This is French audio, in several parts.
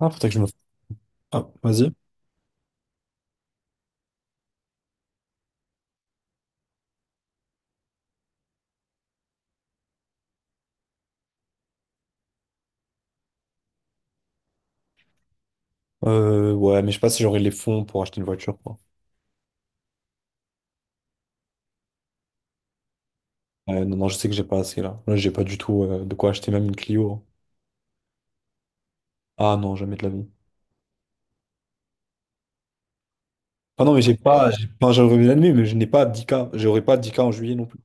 Ah, faudrait que je me... Ah, vas-y. Ouais, mais je sais pas si j'aurai les fonds pour acheter une voiture, quoi. Non, non, je sais que j'ai pas assez, là. Là, j'ai pas du tout de quoi acheter même une Clio, hein. Ah non, jamais de la vie. Ah non, mais j'ai pas... Enfin, j'aurais bien aimé, mais je n'ai pas 10K. J'aurai pas 10K en juillet non plus.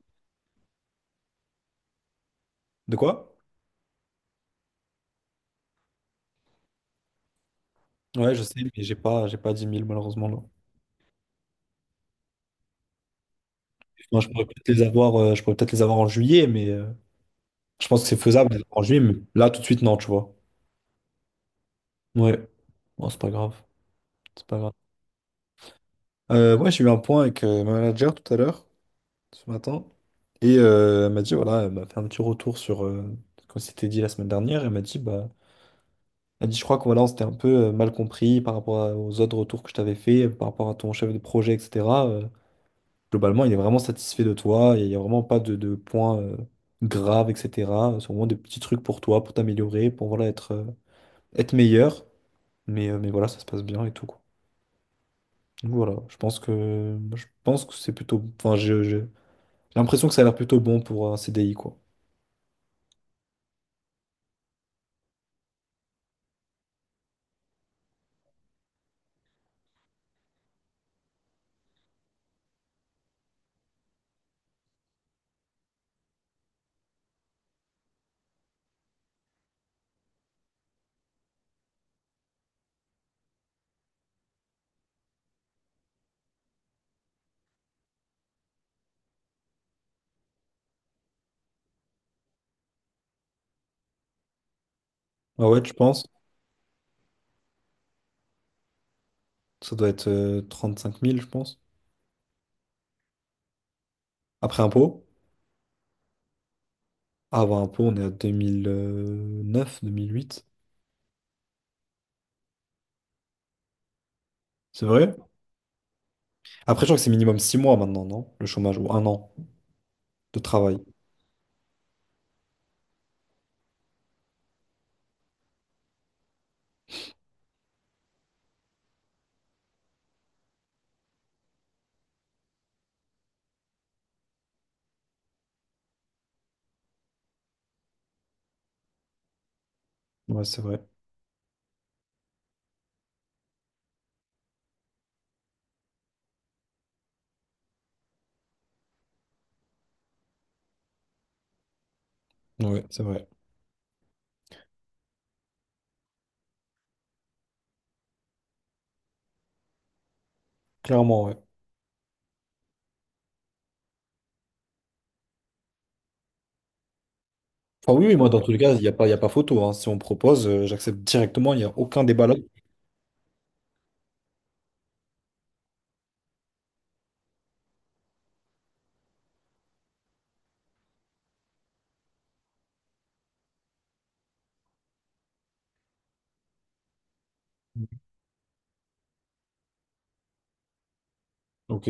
De quoi? Ouais, je sais, mais j'ai pas 10 000 malheureusement, là. Enfin, je pourrais peut-être les avoir, je pourrais peut-être les avoir en juillet, mais... je pense que c'est faisable de les avoir en juillet, mais là, tout de suite, non, tu vois. Ouais. Bon, c'est pas grave. C'est pas grave. Ouais, j'ai eu un point avec ma manager tout à l'heure, ce matin. Et elle m'a dit, voilà, elle m'a fait un petit retour sur ce qu'on s'était dit la semaine dernière. Elle m'a dit, bah, elle dit, je crois que voilà, on s'était un peu mal compris par rapport à- aux autres retours que je t'avais fait, par rapport à ton chef de projet, etc. Globalement, il est vraiment satisfait de toi, et il n'y a vraiment pas de points graves, etc. C'est vraiment des petits trucs pour toi, pour t'améliorer, pour voilà, être, être meilleur. Mais voilà, ça se passe bien et tout, quoi. Donc voilà, je pense que c'est plutôt... Enfin, j'ai l'impression que ça a l'air plutôt bon pour un CDI, quoi. Ah ouais, tu penses? Ça doit être 35 000, je pense. Après impôt. Ah, avant impôt, on est à 2009, 2008. C'est vrai? Après, je crois que c'est minimum 6 mois maintenant, non? Le chômage, ou 1 an de travail. Ouais, c'est vrai. Ouais, c'est vrai. Clairement, ouais. Enfin, oui, oui, moi, dans tous les cas, il y a pas photo, hein. Si on me propose, j'accepte directement, il n'y a aucun débat là. Ok,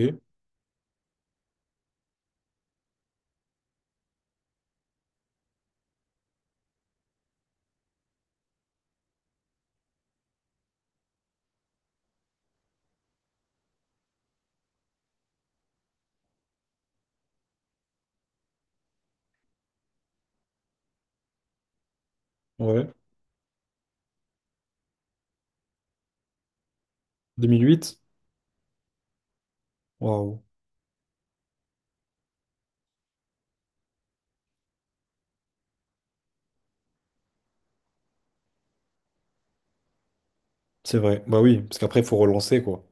ouais. 2008? Waouh. C'est vrai. Bah oui, parce qu'après, il faut relancer, quoi.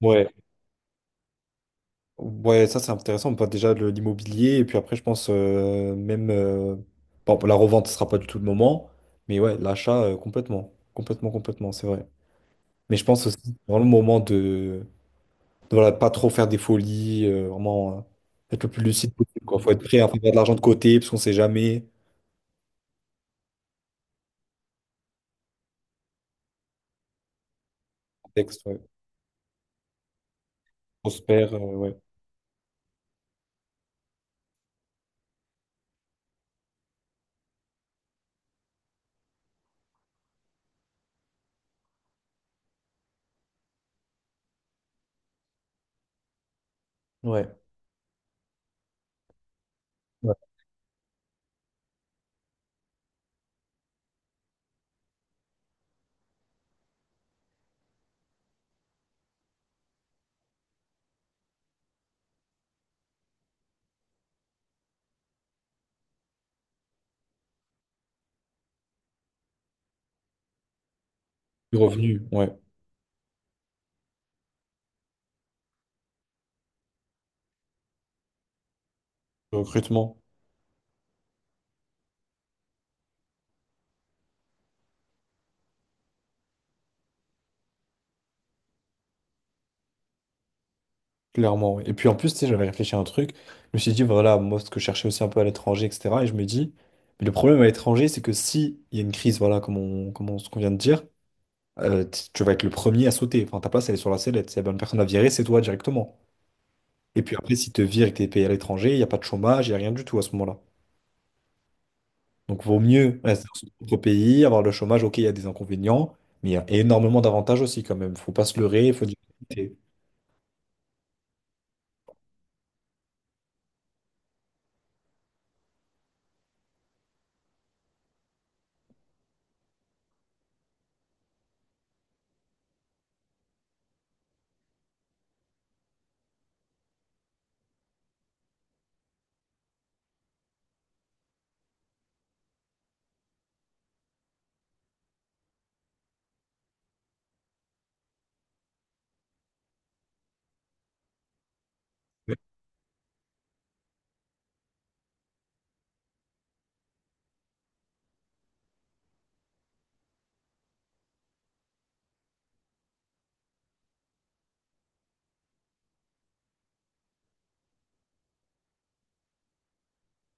Ouais. Ouais, ça c'est intéressant. Bah, déjà l'immobilier, et puis après, je pense même, bon, la revente, ce sera pas du tout le moment, mais ouais, l'achat, complètement. Complètement, complètement, c'est vrai. Mais je pense aussi que c'est vraiment le moment voilà, pas trop faire des folies, vraiment être le plus lucide possible, quoi. Faut être prêt à faire de l'argent de côté, parce qu'on sait jamais. Contexte, ouais. Prospère, ouais. Ouais. Ouais. Du revenu, ouais. Du recrutement. Clairement, ouais. Et puis en plus, tu sais, j'avais réfléchi à un truc. Je me suis dit, voilà, moi, ce que je cherchais aussi un peu à l'étranger, etc. Et je me dis, mais le problème à l'étranger, c'est que si il y a une crise, voilà, ce qu'on vient de dire, tu vas être le premier à sauter. Enfin, ta place, elle est sur la sellette. Si la bonne personne à virer, c'est toi directement. Et puis après, si te virent et que t'es payé à l'étranger, il n'y a pas de chômage, il n'y a rien du tout à ce moment-là. Donc, vaut mieux rester dans son propre pays, avoir le chômage. Ok, il y a des inconvénients, mais il y a énormément d'avantages aussi, quand même. Faut pas se leurrer, faut dire. Ouais,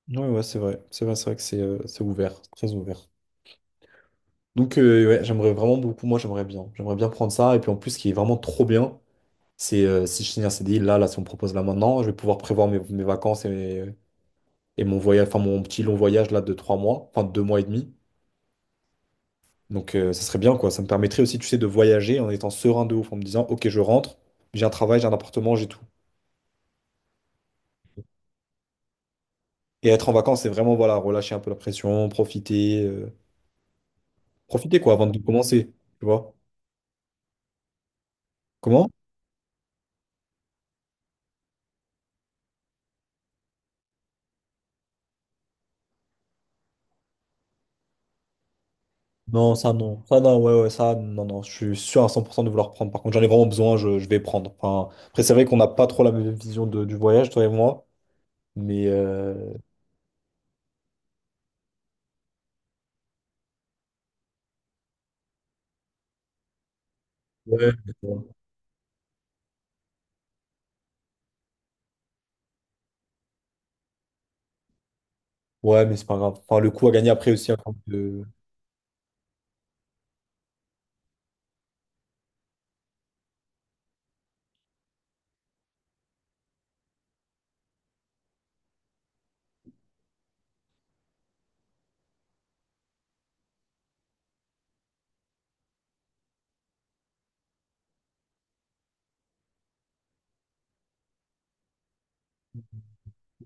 ouais, c'est vrai. C'est vrai, c'est vrai que c'est ouvert, très ouvert. Donc ouais, j'aimerais vraiment beaucoup, moi j'aimerais bien. J'aimerais bien prendre ça. Et puis en plus, ce qui est vraiment trop bien, c'est si je signe un CDI, là, si on me propose là maintenant, je vais pouvoir prévoir mes vacances et mon voyage, enfin mon petit long voyage là de 3 mois, enfin de 2 mois et demi. Donc ça serait bien quoi. Ça me permettrait aussi, tu sais, de voyager en étant serein de ouf, en me disant, ok, je rentre, j'ai un travail, j'ai un appartement, j'ai tout. Et être en vacances, c'est vraiment, voilà, relâcher un peu la pression, profiter, profiter quoi, avant de commencer. Tu vois? Comment? Non, ça non. Ça non, ça non, non. Je suis sûr à 100% de vouloir prendre. Par contre, j'en ai vraiment besoin, je vais prendre. Enfin, après, c'est vrai qu'on n'a pas trop la même vision du voyage, toi et moi. Mais ouais, mais bon. Ouais, mais c'est pas grave. Enfin, le coup à gagner après aussi, hein, quand,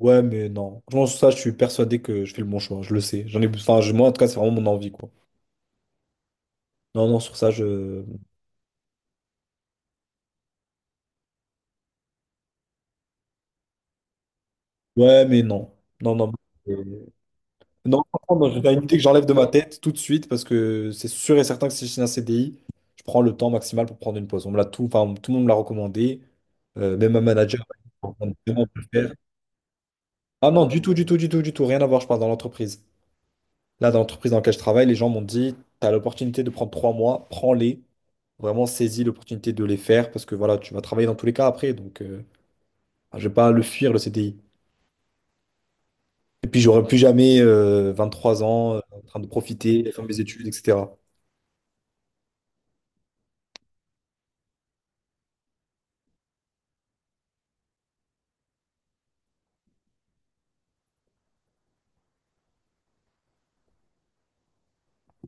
ouais, mais non. Franchement, sur ça, je suis persuadé que je fais le bon choix. Je le sais. J'en ai... Enfin, moi, en tout cas, c'est vraiment mon envie, quoi. Non, non, sur ça, je. Ouais, mais non. Non, non. Non, franchement, non, j'ai une idée que j'enlève de ma tête tout de suite parce que c'est sûr et certain que si je signe un CDI, je prends le temps maximal pour prendre une pause. On me l'a tout, enfin, tout le monde me l'a recommandé, même un manager m'a dit, vraiment, on me demande de le faire. Ah non, du tout, rien à voir, je parle dans l'entreprise. Là, dans l'entreprise dans laquelle je travaille, les gens m'ont dit, tu as l'opportunité de prendre 3 mois, prends-les, vraiment saisis l'opportunité de les faire parce que voilà, tu vas travailler dans tous les cas après, donc enfin, je vais pas le fuir, le CDI. Et puis, j'aurai plus jamais 3 ans en train de profiter, de faire mes études, etc.